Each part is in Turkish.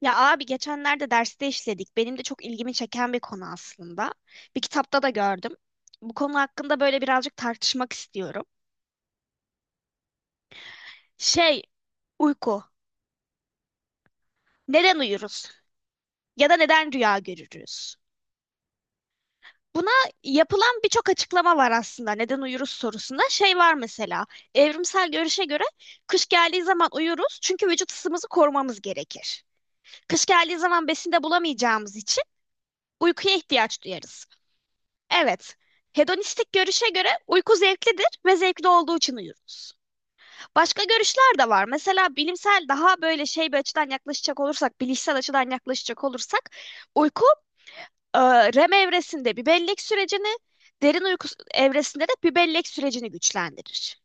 Ya abi geçenlerde derste işledik. Benim de çok ilgimi çeken bir konu aslında. Bir kitapta da gördüm. Bu konu hakkında böyle birazcık tartışmak istiyorum. Şey, uyku. Neden uyuruz? Ya da neden rüya görürüz? Buna yapılan birçok açıklama var aslında. Neden uyuruz sorusunda şey var mesela. Evrimsel görüşe göre kış geldiği zaman uyuruz çünkü vücut ısımızı korumamız gerekir. Kış geldiği zaman besin de bulamayacağımız için uykuya ihtiyaç duyarız. Evet. Hedonistik görüşe göre uyku zevklidir ve zevkli olduğu için uyuruz. Başka görüşler de var. Mesela bilimsel daha böyle şey bir açıdan yaklaşacak olursak, bilişsel açıdan yaklaşacak olursak, uyku e, REM evresinde bir bellek sürecini, derin uyku evresinde de bir bellek sürecini güçlendirir.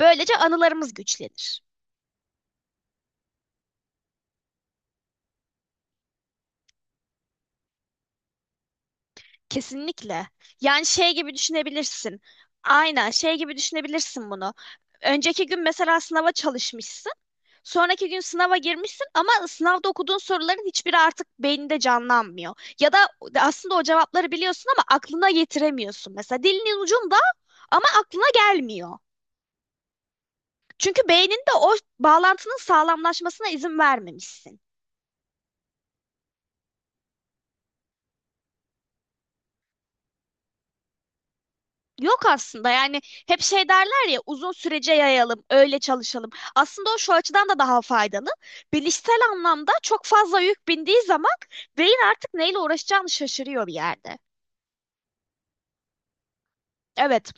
Böylece anılarımız güçlenir. Kesinlikle. Yani şey gibi düşünebilirsin. Aynen şey gibi düşünebilirsin bunu. Önceki gün mesela sınava çalışmışsın. Sonraki gün sınava girmişsin ama sınavda okuduğun soruların hiçbiri artık beyninde canlanmıyor. Ya da aslında o cevapları biliyorsun ama aklına getiremiyorsun. Mesela dilinin ucunda ama aklına gelmiyor. Çünkü beyninde o bağlantının sağlamlaşmasına izin vermemişsin. Yok aslında, yani hep şey derler ya, uzun sürece yayalım, öyle çalışalım. Aslında o şu açıdan da daha faydalı. Bilişsel anlamda çok fazla yük bindiği zaman beyin artık neyle uğraşacağını şaşırıyor bir yerde. Evet.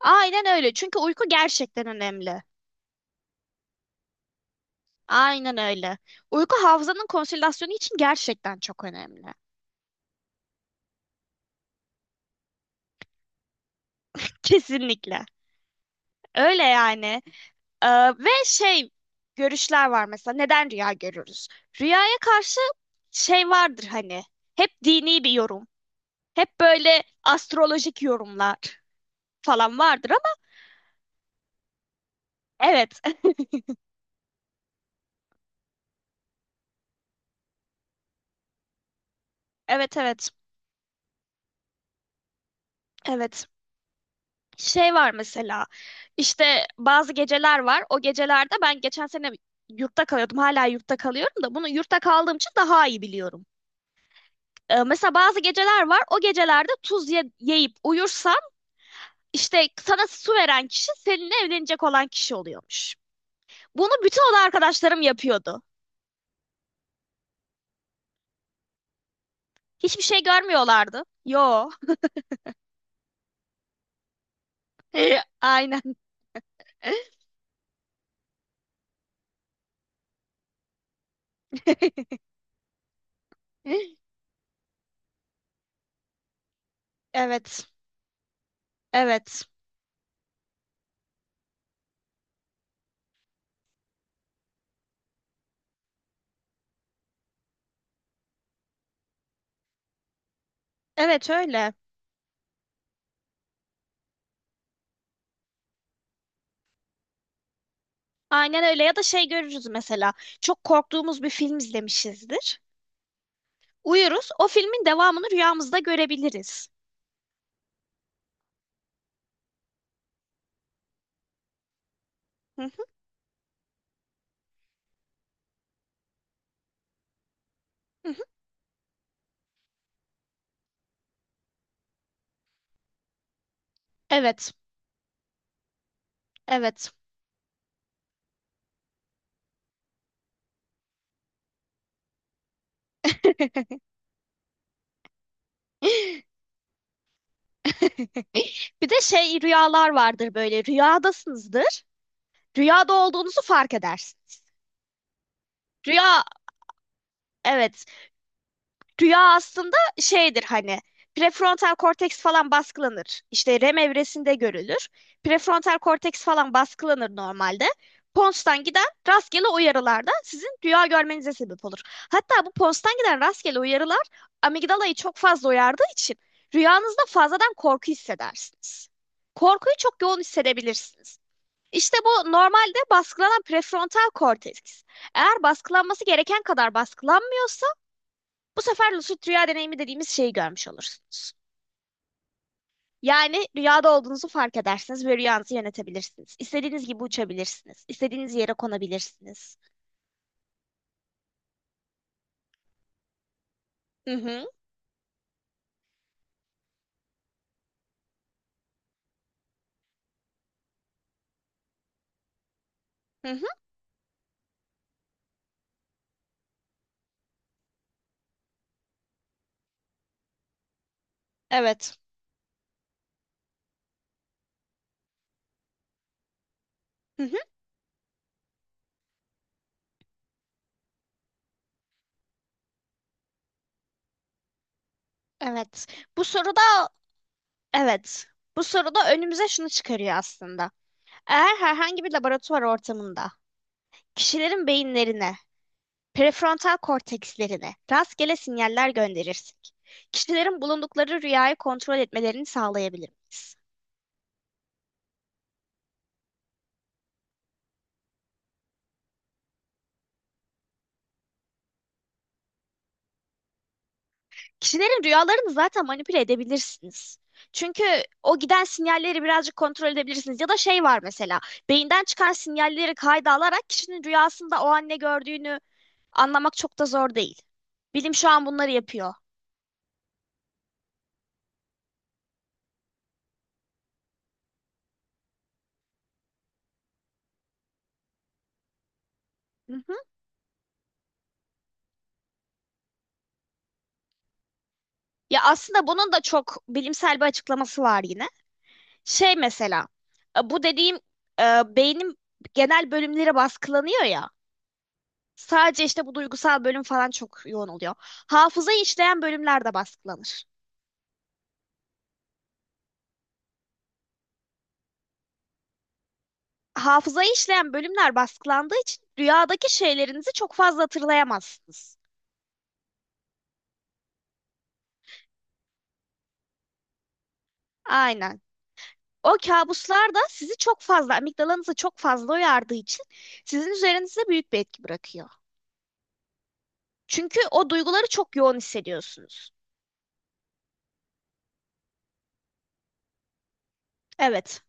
Aynen öyle. Çünkü uyku gerçekten önemli. Aynen öyle. Uyku hafızanın konsolidasyonu için gerçekten çok önemli. Kesinlikle. Öyle yani. Ee, ve şey görüşler var mesela. Neden rüya görürüz? Rüyaya karşı şey vardır hani. Hep dini bir yorum. Hep böyle astrolojik yorumlar falan vardır ama evet. Evet, evet. Evet. Şey var mesela, işte bazı geceler var. O gecelerde ben geçen sene yurtta kalıyordum. Hala yurtta kalıyorum da bunu yurtta kaldığım için daha iyi biliyorum. Mesela bazı geceler var. O gecelerde tuz yiyip uyursan işte sana su veren kişi seninle evlenecek olan kişi oluyormuş. Bunu bütün oda arkadaşlarım yapıyordu. Hiçbir şey görmüyorlardı. Yo. Aynen. Evet. Evet. Evet öyle. Aynen öyle, ya da şey görürüz mesela, çok korktuğumuz bir film izlemişizdir. Uyuruz, o filmin devamını rüyamızda görebiliriz. Hı hı, hı hı. Evet, evet. Bir de şey rüyalar vardır, böyle rüyadasınızdır. Rüyada olduğunuzu fark edersiniz. Rüya evet. Rüya aslında şeydir hani, prefrontal korteks falan baskılanır. İşte REM evresinde görülür. Prefrontal korteks falan baskılanır normalde. Pons'tan giden rastgele uyarılar da sizin rüya görmenize sebep olur. Hatta bu Pons'tan giden rastgele uyarılar amigdalayı çok fazla uyardığı için rüyanızda fazladan korku hissedersiniz. Korkuyu çok yoğun hissedebilirsiniz. İşte bu normalde baskılanan prefrontal korteks, eğer baskılanması gereken kadar baskılanmıyorsa bu sefer lucid rüya deneyimi dediğimiz şeyi görmüş olursunuz. Yani rüyada olduğunuzu fark edersiniz ve rüyanızı yönetebilirsiniz. İstediğiniz gibi uçabilirsiniz. İstediğiniz yere konabilirsiniz. Hı hı, hı hı, evet. Hı hı, evet. Bu soruda evet. Bu soruda önümüze şunu çıkarıyor aslında. Eğer herhangi bir laboratuvar ortamında kişilerin beyinlerine, prefrontal kortekslerine rastgele sinyaller gönderirsek, kişilerin bulundukları rüyayı kontrol etmelerini sağlayabilir miyiz? Kişilerin rüyalarını zaten manipüle edebilirsiniz. Çünkü o giden sinyalleri birazcık kontrol edebilirsiniz. Ya da şey var mesela, beyinden çıkan sinyalleri kayda alarak kişinin rüyasında o an ne gördüğünü anlamak çok da zor değil. Bilim şu an bunları yapıyor. Hı hı. Ya aslında bunun da çok bilimsel bir açıklaması var yine. Şey mesela, bu dediğim beynin genel bölümleri baskılanıyor ya. Sadece işte bu duygusal bölüm falan çok yoğun oluyor. Hafızayı işleyen bölümler de baskılanır. Hafızayı işleyen bölümler baskılandığı için rüyadaki şeylerinizi çok fazla hatırlayamazsınız. Aynen. O kabuslar da sizi çok fazla, amigdalanızı çok fazla uyardığı için sizin üzerinizde büyük bir etki bırakıyor. Çünkü o duyguları çok yoğun hissediyorsunuz. Evet.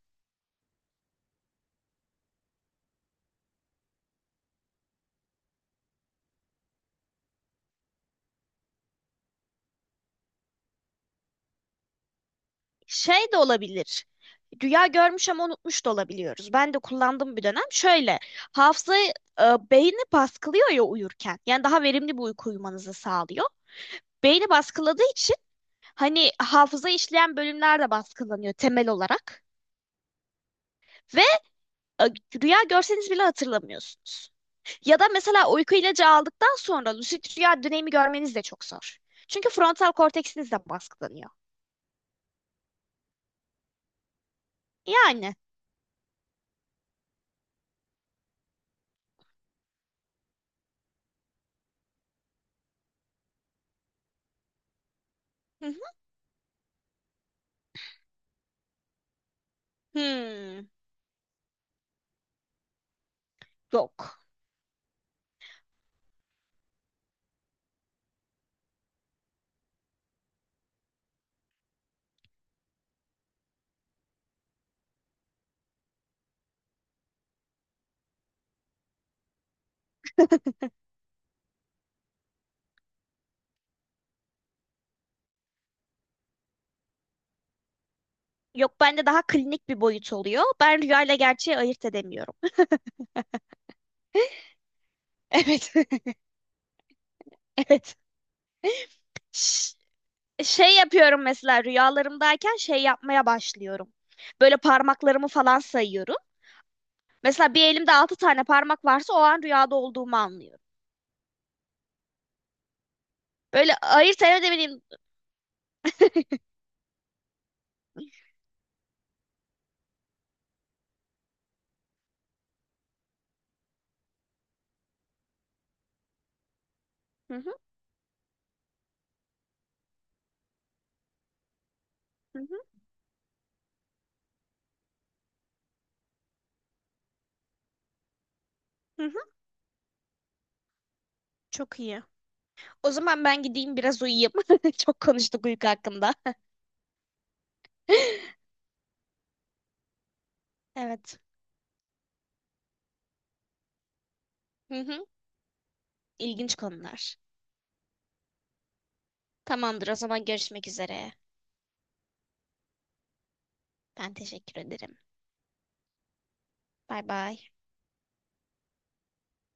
Şey de olabilir. Rüya görmüş ama unutmuş da olabiliyoruz. Ben de kullandım bir dönem. Şöyle, hafızayı e, beyni baskılıyor ya uyurken. Yani daha verimli bir uyku uyumanızı sağlıyor. Beyni baskıladığı için hani hafıza işleyen bölümler de baskılanıyor temel olarak. Ve e, rüya görseniz bile hatırlamıyorsunuz. Ya da mesela uyku ilacı aldıktan sonra lucid rüya dönemi görmeniz de çok zor. Çünkü frontal korteksiniz de baskılanıyor. Yani. Hı hı. Hmm, yok. Yok, bende daha klinik bir boyut oluyor. Ben rüyayla gerçeği ayırt edemiyorum. Evet. Evet. Ş- Şey yapıyorum mesela, rüyalarımdayken şey yapmaya başlıyorum. Böyle parmaklarımı falan sayıyorum. Mesela bir elimde altı tane parmak varsa o an rüyada olduğumu anlıyorum. Böyle ayırt edemediğim... Hı hı, hı hı, hı hı. Çok iyi. O zaman ben gideyim biraz uyuyayım. Çok konuştuk uyku hakkında. Evet. Hı hı. İlginç konular. Tamamdır, o zaman görüşmek üzere. Ben teşekkür ederim. Bay bay.